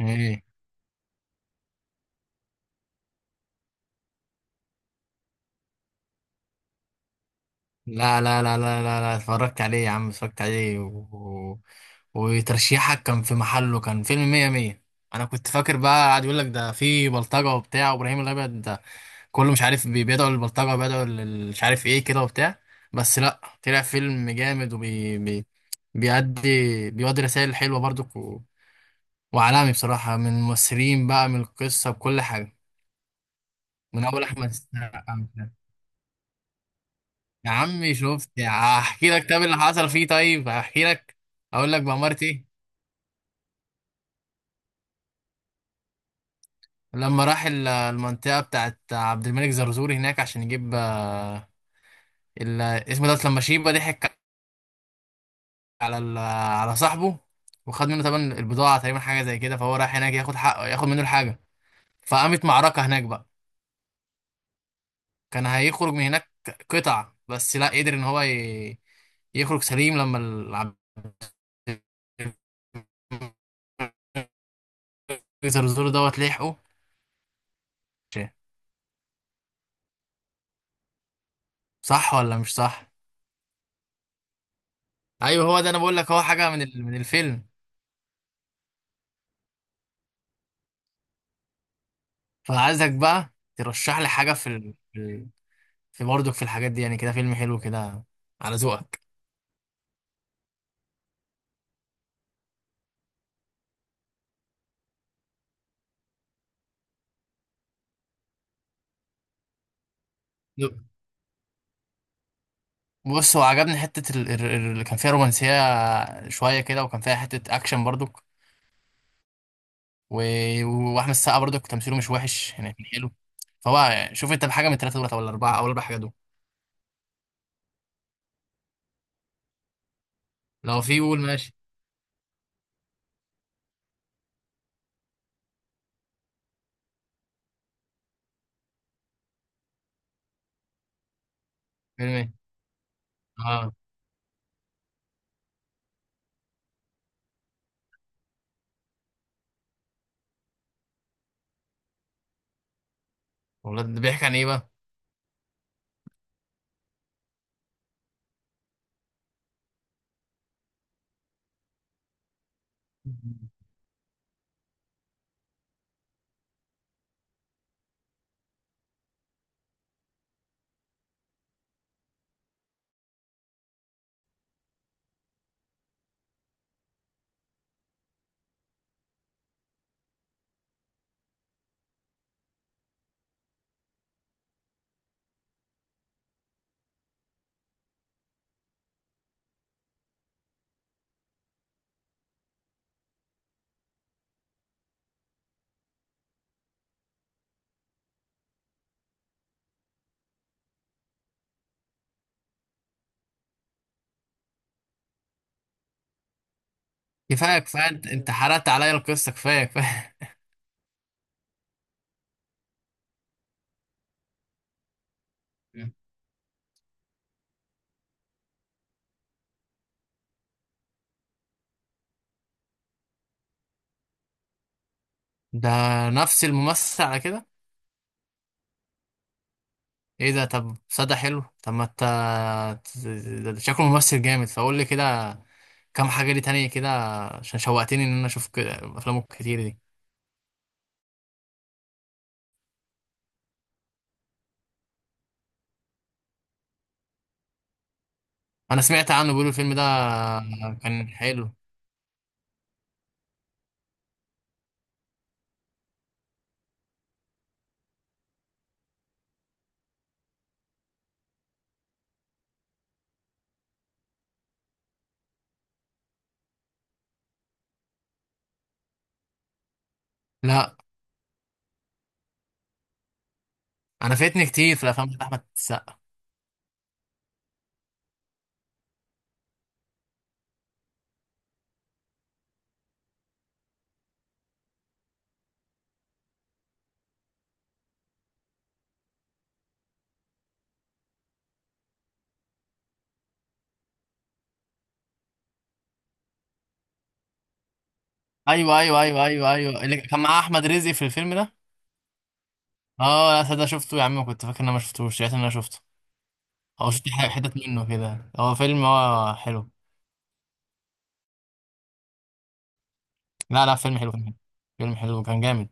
ايه. لا لا لا لا لا لا، اتفرجت عليه يا عم، اتفرجت عليه وترشيحك كان في محله، كان فيلم مية مية. انا كنت فاكر بقى قاعد يقول لك ده في بلطجة وبتاع، وابراهيم الابيض ده كله مش عارف، بيدعوا للبلطجة، بيدعوا مش عارف ايه كده وبتاع. بس لا، طلع فيلم جامد، بيودي رسائل حلوة برضك، وعالمي بصراحة، من الممثلين بقى، من القصة، بكل حاجة. من اول احمد السقا. يا عمي شفت، هحكي لك، طب اللي حصل فيه، طيب هحكي لك، اقول لك بأمارة ايه. لما راح المنطقة بتاعت عبد الملك زرزور هناك عشان يجيب، اسمه ده، لما شيبة ضحك على ال- على صاحبه، وخد منه طبعا البضاعة، تقريبا حاجة زي كده، فهو راح هناك ياخد حقه، ياخد منه الحاجة، فقامت معركة هناك بقى. كان هيخرج من هناك قطع، بس لا، قدر ان هو يخرج سليم، لما عبد الملك زرزور دوت لحقه. صح ولا مش صح؟ ايوه هو ده، انا بقول لك هو حاجه من من الفيلم. فعايزك بقى ترشح لي حاجه في برضك، في الحاجات دي، يعني كده فيلم حلو كده على ذوقك. بص، هو عجبني حته اللي كان فيها رومانسيه شويه كده، وكان فيها حته اكشن برضك، و... واحمد السقا برضك تمثيله مش وحش يعني، كان حلو. فهو شوف انت بحاجه من الثلاثه دولت، ولا الاربعه، او الاربع حاجات دول، لو في قول ماشي. فيلم ايه؟ اه، والله ده بيحكي عن ايه بقى؟ كفايه كفايه، انت حرقت عليا القصه، كفايه كفايه. ده نفس الممثل على كده؟ ايه ده، طب صدى حلو، طب ما انت، ده شكله ممثل جامد، فقول لي كده كام حاجه ليه تانية كده، عشان شوقتني ان انا اشوف كده افلامه كتير دي. انا سمعت عنه بيقولوا الفيلم ده كان حلو. لا، انا فاتني كتير في الافلام بتاعت احمد السقا. ايوه ايوه ايوه ايوه ايوه، اللي كان معاه احمد رزق في الفيلم ده. اه، لا صدق شفته يا عم، كنت فاكر ان انا ما شفتوش، لقيت ان انا شفته، او شفت حتت منه كده، هو فيلم، هو حلو. لا لا، فيلم حلو، فيلم حلو، فيلم حلو كان جامد.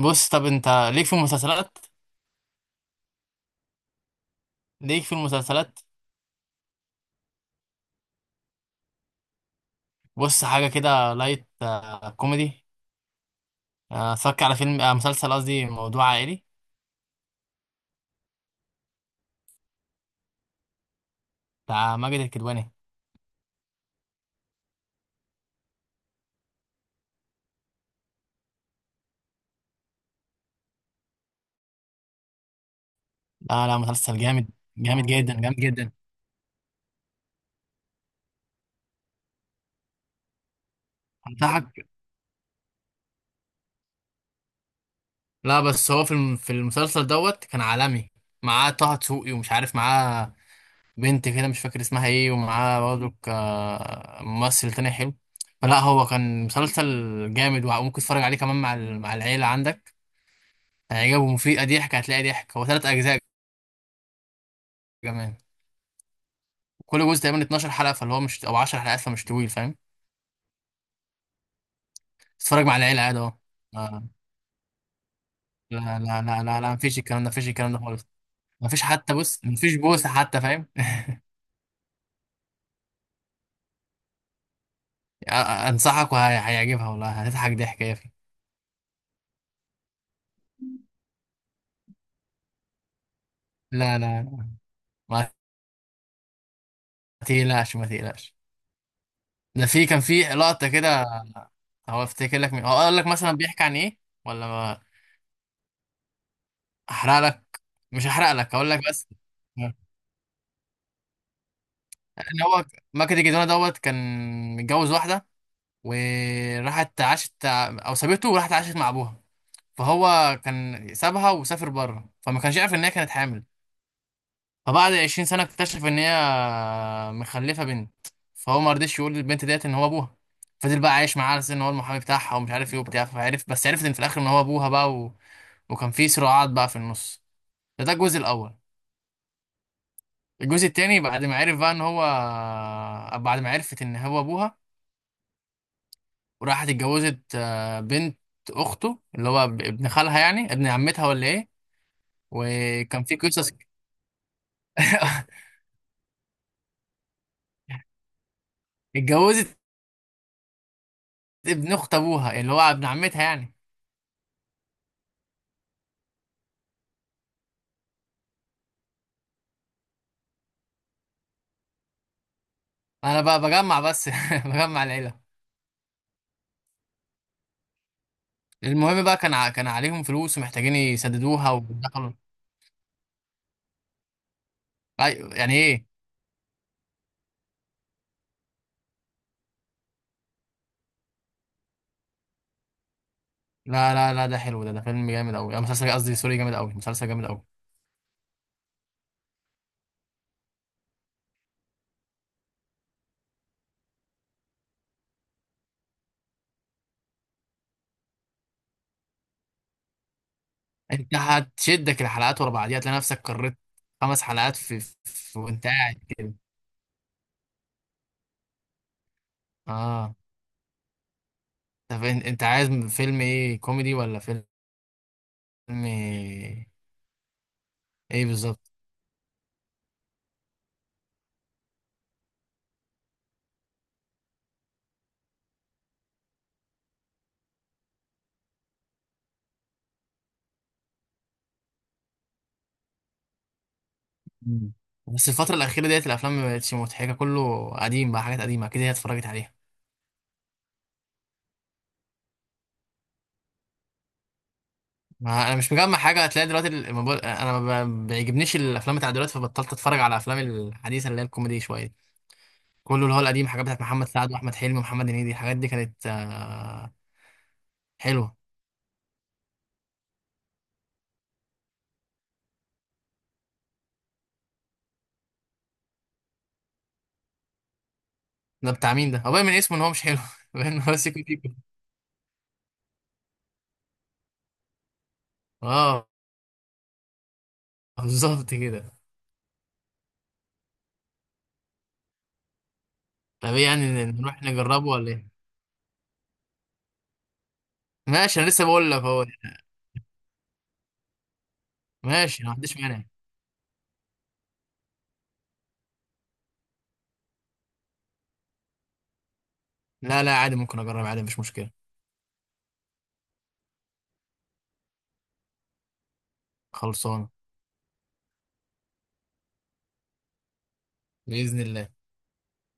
بص، طب انت ليك في المسلسلات؟ ليك في المسلسلات، بص حاجة كده لايت، كوميدي، اتفرج على فيلم، مسلسل قصدي، موضوع عائلي بتاع ماجد الكدواني. لا لا، مسلسل جامد، جامد جدا، جامد جدا، انصحك. لا بس هو في في المسلسل دوت كان عالمي، معاه طه دسوقي، ومش عارف معاه بنت كده، مش فاكر اسمها ايه، ومعاه برضه ممثل تاني حلو، فلا هو كان مسلسل جامد، وممكن تتفرج عليه كمان مع مع العيلة عندك، يعني جابوا مفيدة ضحك، هتلاقي ضحك. هو تلات أجزاء كمان، كل جزء تقريبا 12 حلقة، فاللي هو مش، أو 10 حلقات، فمش طويل فاهم، تتفرج مع العيلة عادي أهو. آه، لا لا لا لا لا، مفيش الكلام ده، مفيش الكلام ده خالص، مفيش حتى، بص مفيش بوسة حتى فاهم. أنصحك، وهيعجبها والله، هتضحك ضحك يا أخي. لا لا، ما تقلقش ما تقلقش، ده في كان في لقطة كده، هو افتكر لك مين، هقول لك مثلا بيحكي عن إيه، ولا ما أحرق لك، مش هحرق لك، هقول لك بس. اللي هو ماجد الجدوانة دوت كان متجوز واحدة، وراحت عاشت، أو سابته وراحت عاشت مع أبوها، فهو كان سابها وسافر بره، فما كانش يعرف إن هي كانت حامل، فبعد 20 سنة اكتشف إن هي مخلفة بنت، فهو ما رضيش يقول للبنت ديت إن هو أبوها، فضل بقى عايش معاها على أساس إن هو المحامي بتاعها، ومش عارف إيه وبتاع، فعرف، بس عرفت إن في الآخر إن هو أبوها بقى، وكان في صراعات بقى في النص، ده الجزء الأول. الجزء التاني بعد ما عرف بقى إن هو، بعد ما عرفت إن هو أبوها، وراحت اتجوزت بنت اخته، اللي هو ابن خالها، يعني ابن عمتها، ولا ايه؟ وكان في قصص. اتجوزت ابن اخت ابوها، اللي هو ابن عمتها يعني، انا بقى بجمع بس بجمع العيله. المهم بقى، كان كان عليهم فلوس، ومحتاجين يسددوها، ودخلوا يعني ايه. لا لا لا، ده حلو، ده فيلم جامد قوي، مسلسل قصدي، سوري، جامد قوي، مسلسل جامد قوي. انت هتشدك الحلقات ورا بعضيها، تلاقي نفسك قررت خمس حلقات في وانت قاعد كده. اه، طب انت عايز فيلم ايه؟ كوميدي ولا فيلم ايه؟ بالظبط. مم. بس الفترة الأخيرة ديت الأفلام ما بقتش مضحكة، كله قديم بقى، حاجات قديمة، أكيد هي اتفرجت عليها، ما أنا مش مجمع حاجة، هتلاقي دلوقتي الموبايل، أنا ما بيعجبنيش الأفلام بتاع دلوقتي، فبطلت أتفرج على الأفلام الحديثة اللي هي الكوميدي شوية، كله اللي هو القديم، حاجات بتاعت محمد سعد وأحمد حلمي ومحمد هنيدي، الحاجات دي كانت حلوة. ده بتاع مين ده؟ هو باين من اسمه إن هو مش حلو باين إن هو سيكو سيكو. أه، بالظبط كده. طب إيه يعني، نروح نجربه ولا إيه؟ ماشي، انا لسه بقول لك اهو. ماشي، ما عنديش مانع، لا لا، عادي ممكن اجرب عادي، مش مشكله، خلصانه، باذن الله.